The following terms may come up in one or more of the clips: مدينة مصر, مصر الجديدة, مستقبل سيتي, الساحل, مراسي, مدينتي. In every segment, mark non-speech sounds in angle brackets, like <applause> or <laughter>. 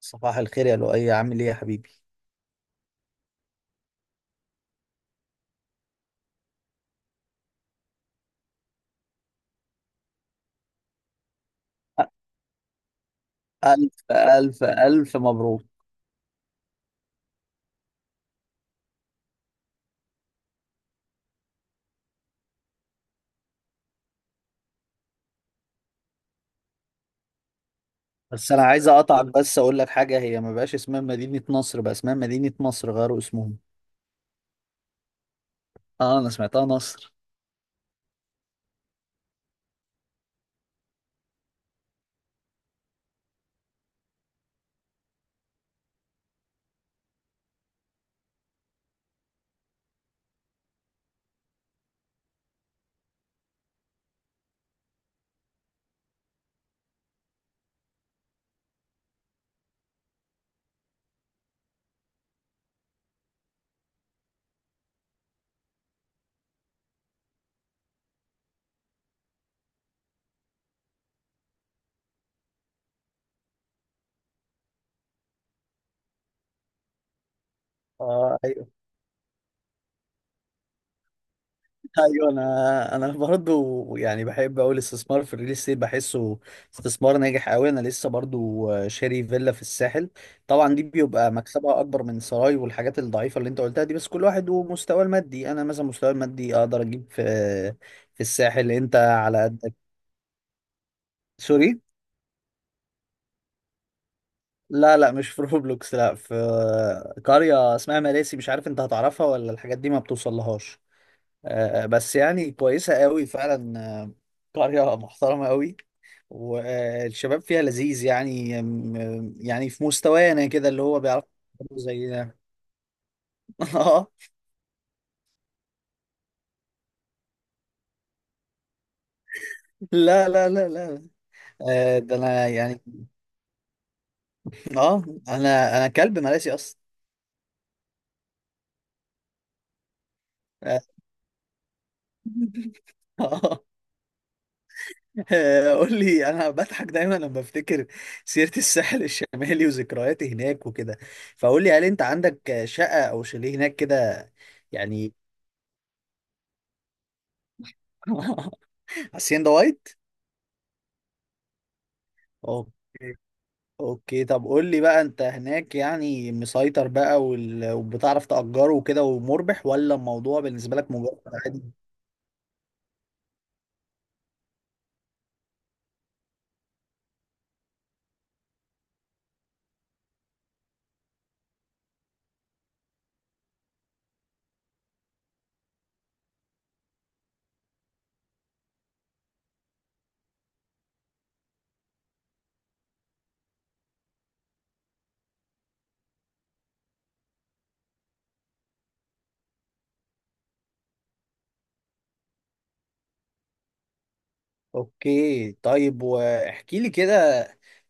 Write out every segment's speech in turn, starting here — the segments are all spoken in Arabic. صباح الخير يا لؤي، عامل ايه يا حبيبي؟ الف الف الف مبروك. بس انا عايز اقطعك، بس اقول لك حاجه، هي ما بقاش اسمها مدينه نصر، بقى اسمها مدينه مصر، غيروا اسمهم. اه انا سمعتها نصر. اه أيوه. ايوه انا برضو يعني بحب اقول الاستثمار في الريل استيت بحسه استثمار ناجح قوي. انا لسه برضو شاري فيلا في الساحل. طبعا دي بيبقى مكسبها اكبر من سراي والحاجات الضعيفه اللي انت قلتها دي، بس كل واحد ومستواه المادي. انا مثلا مستواي المادي اقدر اجيب في الساحل، انت على قدك. سوري. لا لا، مش <laughs> في روبلوكس، لا في قريه اسمها مراسي، مش عارف انت هتعرفها ولا الحاجات دي ما بتوصلهاش. آه، بس يعني كويسة قوي فعلا. آه، قرية محترمة قوي، والشباب فيها لذيذ يعني. يعني في مستوانا كده، اللي هو بيعرف زي ده. <laughs> اه. لا لا لا لا. آه، ده انا يعني. اه انا كلب مراسي اصلا. آه، <laughs> آه، آه، قول لي، انا بضحك دايما لما بفتكر سيرة الساحل الشمالي وذكرياتي هناك وكده. فقول لي، هل انت عندك شقة او شاليه هناك كده؟ يعني. <laughs> حسين ده وايت. اوكي. اوكي، طب قول لي بقى، انت هناك يعني مسيطر بقى وبتعرف تأجره وكده ومربح، ولا الموضوع بالنسبة لك مجرد عادي؟ اوكي طيب، واحكي لي كده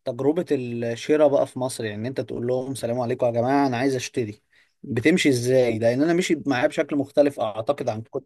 تجربة الشراء بقى في مصر. يعني انت تقول لهم سلام عليكم يا جماعة انا عايز اشتري؟ بتمشي ازاي؟ لان انا مشيت معاه بشكل مختلف اعتقد عن كل.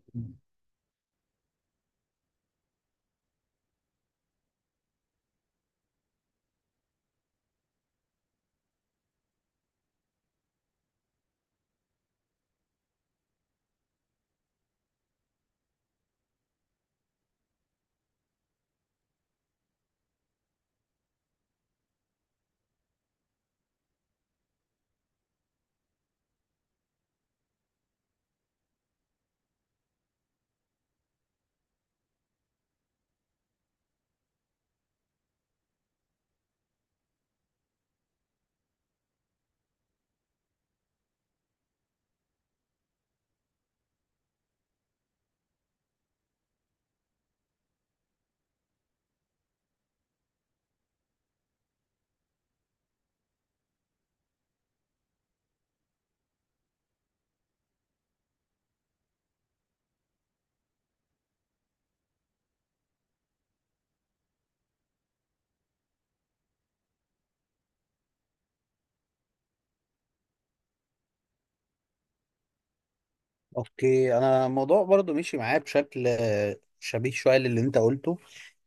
اوكي، انا الموضوع برضو مشي معايا بشكل شبيه شويه للي انت قلته.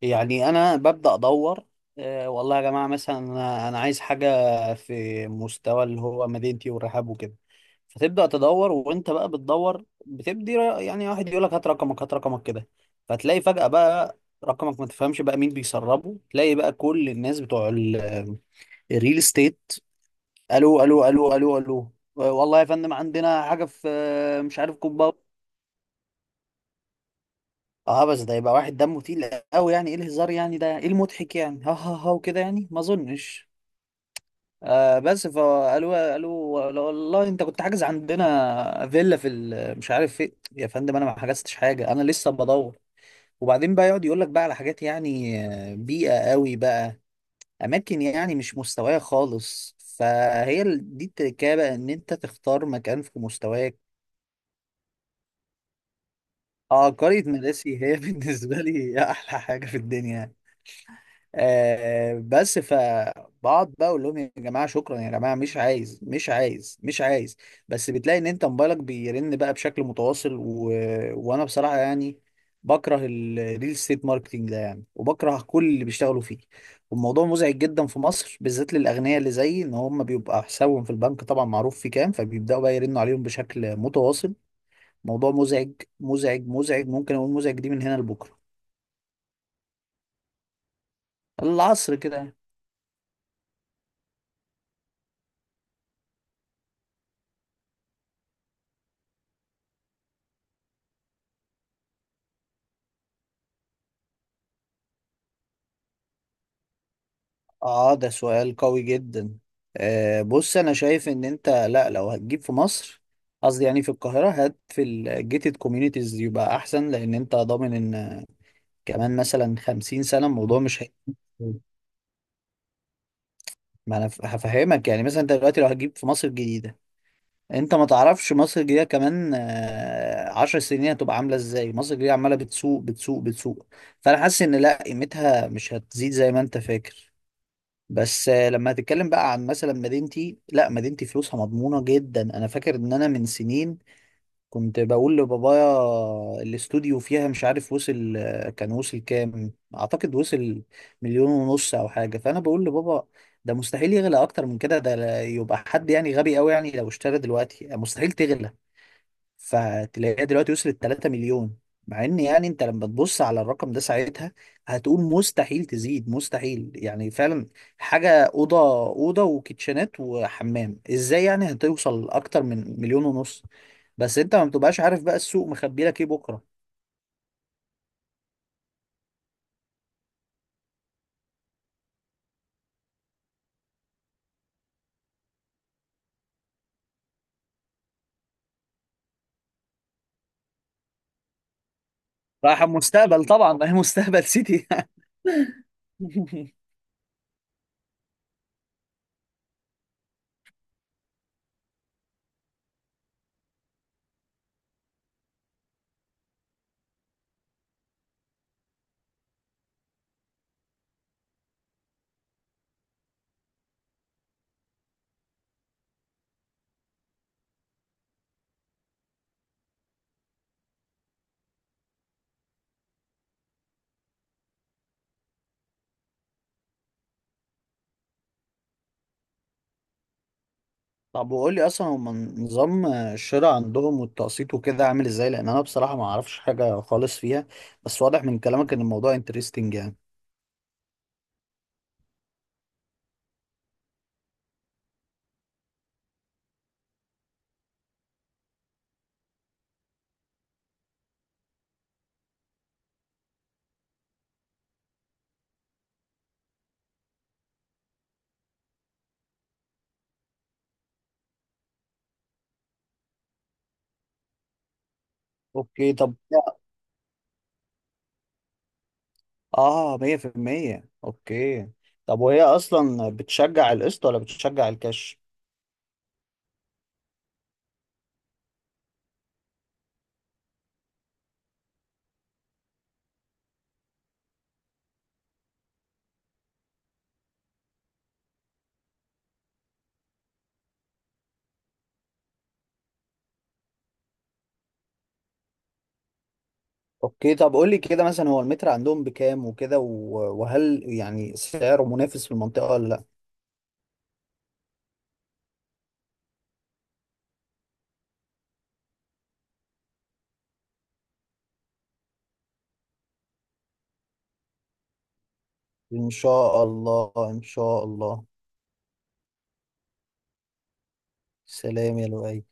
يعني انا ببدا ادور. والله يا جماعه، مثلا أنا عايز حاجه في مستوى اللي هو مدينتي والرحاب وكده. فتبدا تدور، وانت بقى بتدور بتبدي يعني واحد يقول لك هات رقمك هات رقمك كده. فتلاقي فجاه بقى رقمك، ما تفهمش بقى مين بيسربه، تلاقي بقى كل الناس بتوع الريل استيت. الو الو الو الو الو، والله يا فندم عندنا حاجه في مش عارف كومباوند. اه بس ده يبقى واحد دمه تقيل قوي، يعني ايه الهزار يعني، ده ايه المضحك يعني، ها ها ها وكده. يعني ما اظنش. آه بس فقالوا والله انت كنت حاجز عندنا فيلا في مش عارف فين. يا فندم انا ما حجزتش حاجه، انا لسه بدور. وبعدين بقى يقعد يقول لك بقى على حاجات يعني آه، بيئه قوي بقى، اماكن يعني مش مستوايه خالص. فهي دي التركيبه بقى، ان انت تختار مكان في مستواك. اه قريه مراسي هي <laughs> بالنسبه لي احلى حاجه في الدنيا. آه بس فبقعد بقى اقول لهم يا جماعه شكرا يا جماعه، مش عايز مش عايز مش عايز. بس بتلاقي ان انت موبايلك بيرن بقى بشكل متواصل وانا بصراحه يعني بكره الريل استيت ماركتنج ده يعني، وبكره كل اللي بيشتغلوا فيه. والموضوع مزعج جدا في مصر، بالذات للاغنياء اللي زيي، ان هم بيبقى حسابهم في البنك طبعا معروف في كام، فبيبداوا بقى يرنوا عليهم بشكل متواصل. موضوع مزعج مزعج مزعج، ممكن اقول مزعج دي من هنا لبكره. العصر كده. اه ده سؤال قوي جدا. آه بص، انا شايف ان انت، لا لو هتجيب في مصر، قصدي يعني في القاهرة، هات في الجيتد كوميونيتيز يبقى احسن، لان انت ضامن ان كمان مثلا 50 سنة الموضوع مش ما انا هفهمك. يعني مثلا انت دلوقتي لو هتجيب في مصر الجديدة، انت ما تعرفش مصر الجديدة كمان آه، 10 سنين هتبقى عاملة ازاي. مصر الجديدة عمالة بتسوق بتسوق بتسوق، فانا حاسس ان لا قيمتها مش هتزيد زي ما انت فاكر. بس آه، لما هتتكلم بقى عن مثلا مدينتي، لا مدينتي فلوسها مضمونة جدا. انا فاكر ان انا من سنين كنت بقول لبابايا، الاستوديو فيها مش عارف وصل آه، كان وصل كام، اعتقد وصل مليون ونص او حاجة. فانا بقول لبابا، ده مستحيل يغلى اكتر من كده، ده يبقى حد يعني غبي قوي يعني لو اشترى دلوقتي، مستحيل تغلى. فتلاقيها دلوقتي وصلت 3 مليون. مع ان يعني انت لما تبص على الرقم ده ساعتها هتقول مستحيل تزيد مستحيل، يعني فعلا حاجة، أوضة أوضة وكيتشنات وحمام، ازاي يعني هتوصل أكتر من مليون ونص؟ بس انت ما بتبقاش عارف بقى السوق مخبي لك ايه بكرة. رايح المستقبل طبعا، ما هي مستقبل سيتي. <laughs> طب وقول لي اصلا هم نظام الشراء عندهم والتقسيط وكده عامل ازاي؟ لان انا بصراحة ما اعرفش حاجة خالص فيها، بس واضح من كلامك ان الموضوع انترستنج يعني. اوكي طب. اه 100% اوكي. طب وهي اصلا بتشجع القسط ولا بتشجع الكاش؟ اوكي طب، قول لي كده مثلا، هو المتر عندهم بكام وكده، وهل يعني سعره منافس في المنطقة ولا لا؟ ان شاء الله ان شاء الله. سلام يا لؤي.